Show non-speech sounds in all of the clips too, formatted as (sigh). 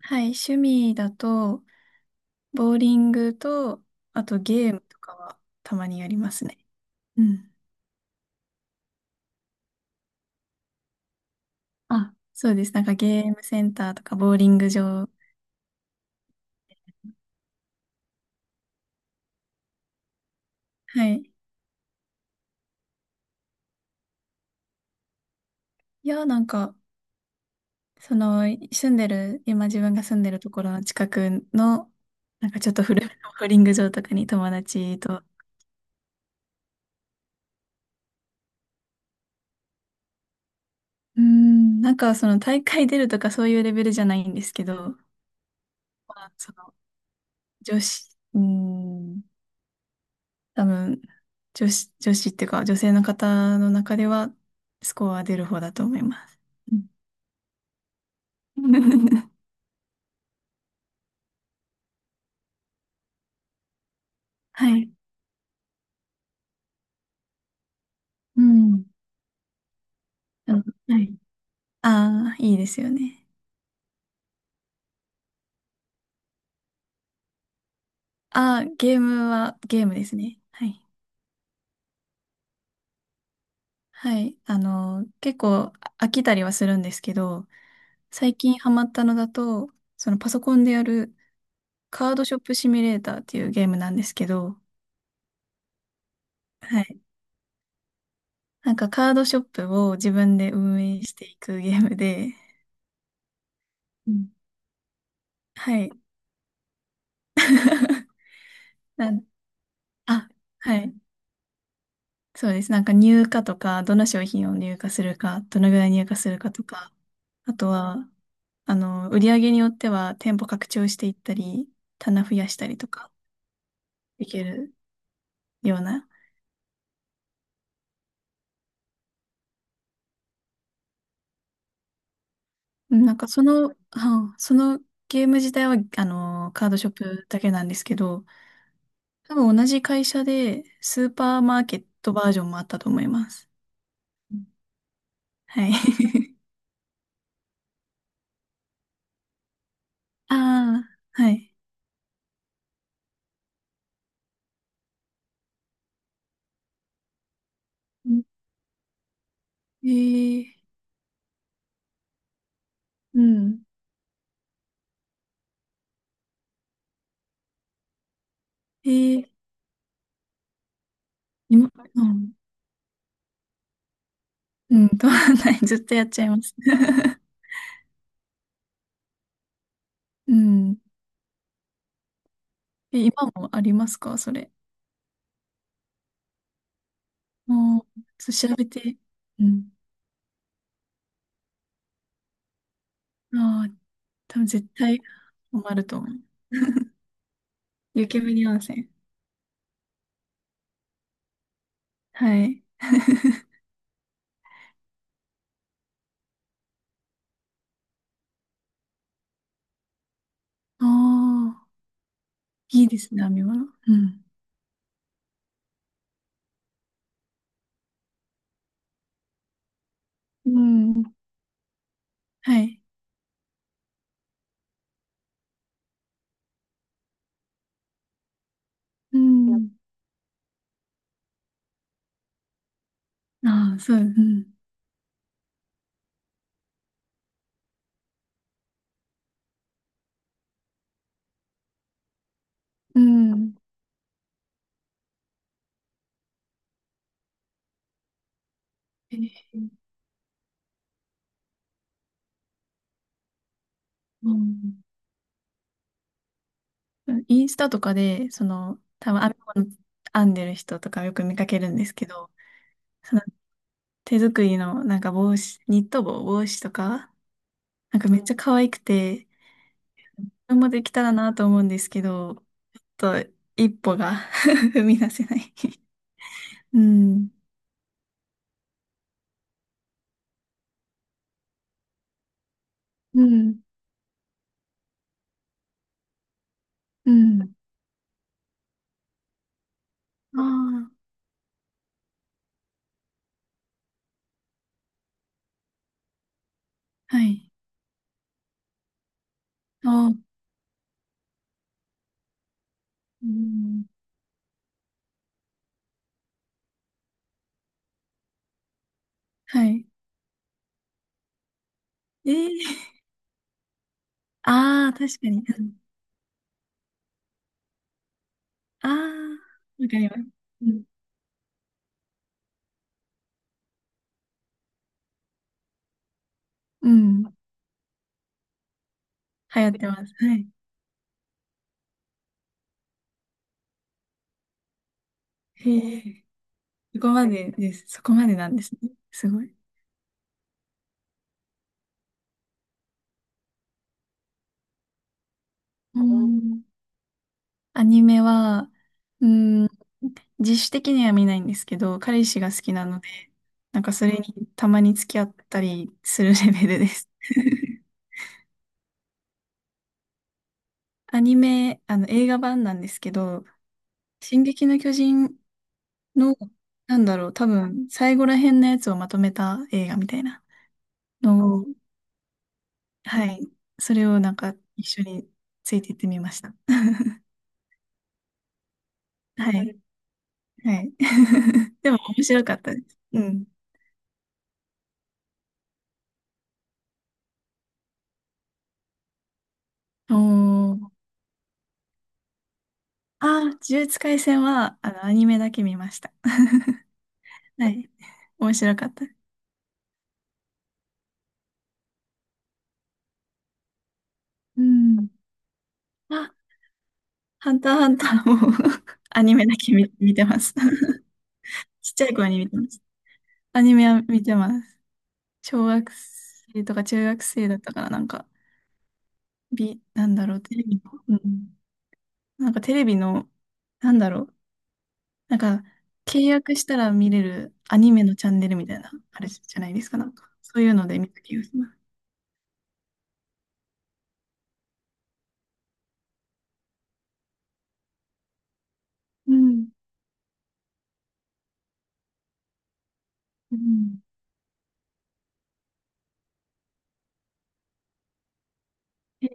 はい、趣味だと、ボーリングと、あとゲームとかはたまにやりますね。うん。あ、そうです。なんかゲームセンターとかボーリング場。はい。いや、なんか、その、住んでる、今自分が住んでるところの近くの、なんかちょっと古めのボーリング場とかに友達と、なんかその大会出るとかそういうレベルじゃないんですけど、まあ、その、女子、うーん多分、女子っていうか、女性の方の中では、スコア出る方だと思います。うん。 (laughs) はい。うん。あのはい。ああ、いいですよね。ああ、ゲームは、ゲームですね。はい。はい。あの、結構飽きたりはするんですけど、最近ハマったのだと、そのパソコンでやるカードショップシミュレーターっていうゲームなんですけど、はい。なんかカードショップを自分で運営していくゲームで、うん、はい。なん、あ、はい。そうです。なんか入荷とか、どの商品を入荷するか、どのぐらい入荷するかとか、あとは、あの、売り上げによっては店舗拡張していったり、棚増やしたりとか、できるような。うんなんかその、ゲーム自体は、あの、カードショップだけなんですけど、多分同じ会社で、スーパーマーケットバージョンもあったと思います。うん、はい。(laughs) ああ、はい。うん、えー、うん。えー今、うん、取ない。ずっとやっちゃいます。(laughs) うん。え、今もありますかそれ。もう、ちょっと調べて。うん。ああ、多分絶対ハマると思う。(laughs) 湯煙温泉。はい。ああ、いいですね、編み物。うん。うん。はい。うん。ああ、そう、うん。うん。えーうん、インスタとかで、その、多分編み物編んでる人とかよく見かけるんですけど、その手作りのなんか帽子、ニット帽、帽子とか、なんかめっちゃ可愛くて、これもできたらなと思うんですけど、ちょっと一歩が (laughs) 踏み出せない。うん。うん。うん。ああ、はい。ああ、うん。はい。えー、ああ、確かに。ああー、わかります。うん。うん、流行ってます。はい。へえ、そこまでです。そこまでなんですね。すごい。うん、アニメは、うーん、自主的には見ないんですけど、彼氏が好きなので、なんかそれにたまに付き合ったりするレベルです。(laughs) アニメ、あの映画版なんですけど、進撃の巨人の、なんだろう、多分最後ら辺のやつをまとめた映画みたいなのを、はい、それをなんか一緒についていってみました。(laughs) はい、はい。(laughs) でも面白かったです。うん。おー、ああ、呪術廻戦は、あの、アニメだけ見ました。(laughs) はい。面白かった。うん。あ、ハンターハンターも (laughs) アニメだけ見てます。(laughs) ちっちゃい頃に見てます。アニメは見てます。小学生とか中学生だったから、なんか、なんだろう、テレビの、うん。なんかテレビの、なんだろう、なんか、契約したら見れるアニメのチャンネルみたいな、あれじゃないですか、なんか。そういうので見た気がします。うん。うん、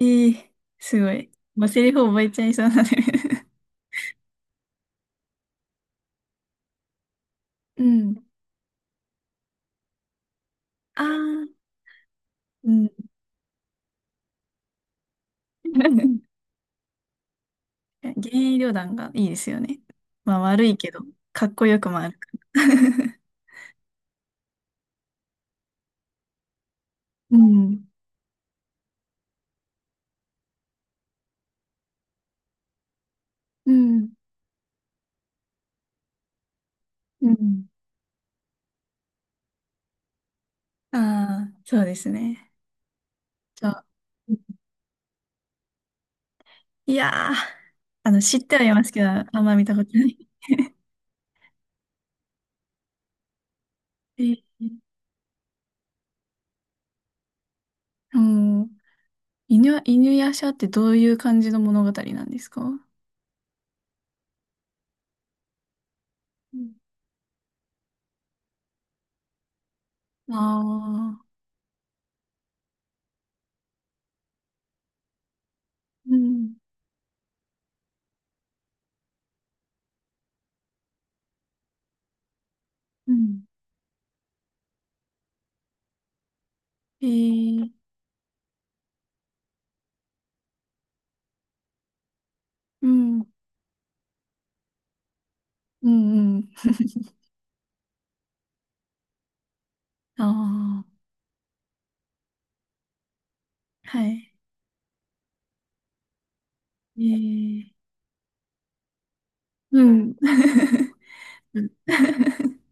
ええ、すごい。もうセリフ覚えちゃいそうなので。 (laughs) うん。ああ、うん。(laughs) 幻影旅団がいいですよね。まあ悪いけど、かっこよくもあるから。(laughs) うん。うん。うん。ああ、そうですね。そう。いやー、あの、知ってはいますけど、あんま見たことない。えー、うん。犬夜叉ってどういう感じの物語なんですか？うん、ああー、うん、うん。えー、うん、うん、うん。ああ、はい。ええ、うん。(laughs) うん。(laughs)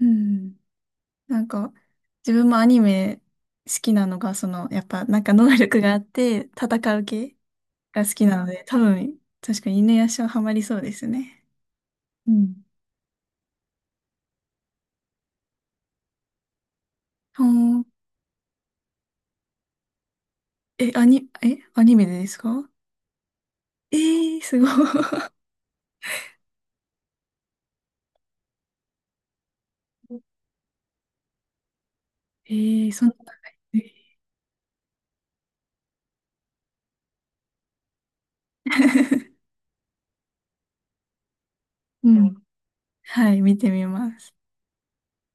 うん、なんか、自分もアニメ好きなのが、その、やっぱ、なんか能力があって、戦う系が好きなので、多分、確かに犬夜叉ハマりそうですね。うん。ほー、え、アニメでですか？ええー、すごい。(laughs) ええー、そんな長い、(laughs) うん。はい、見てみます。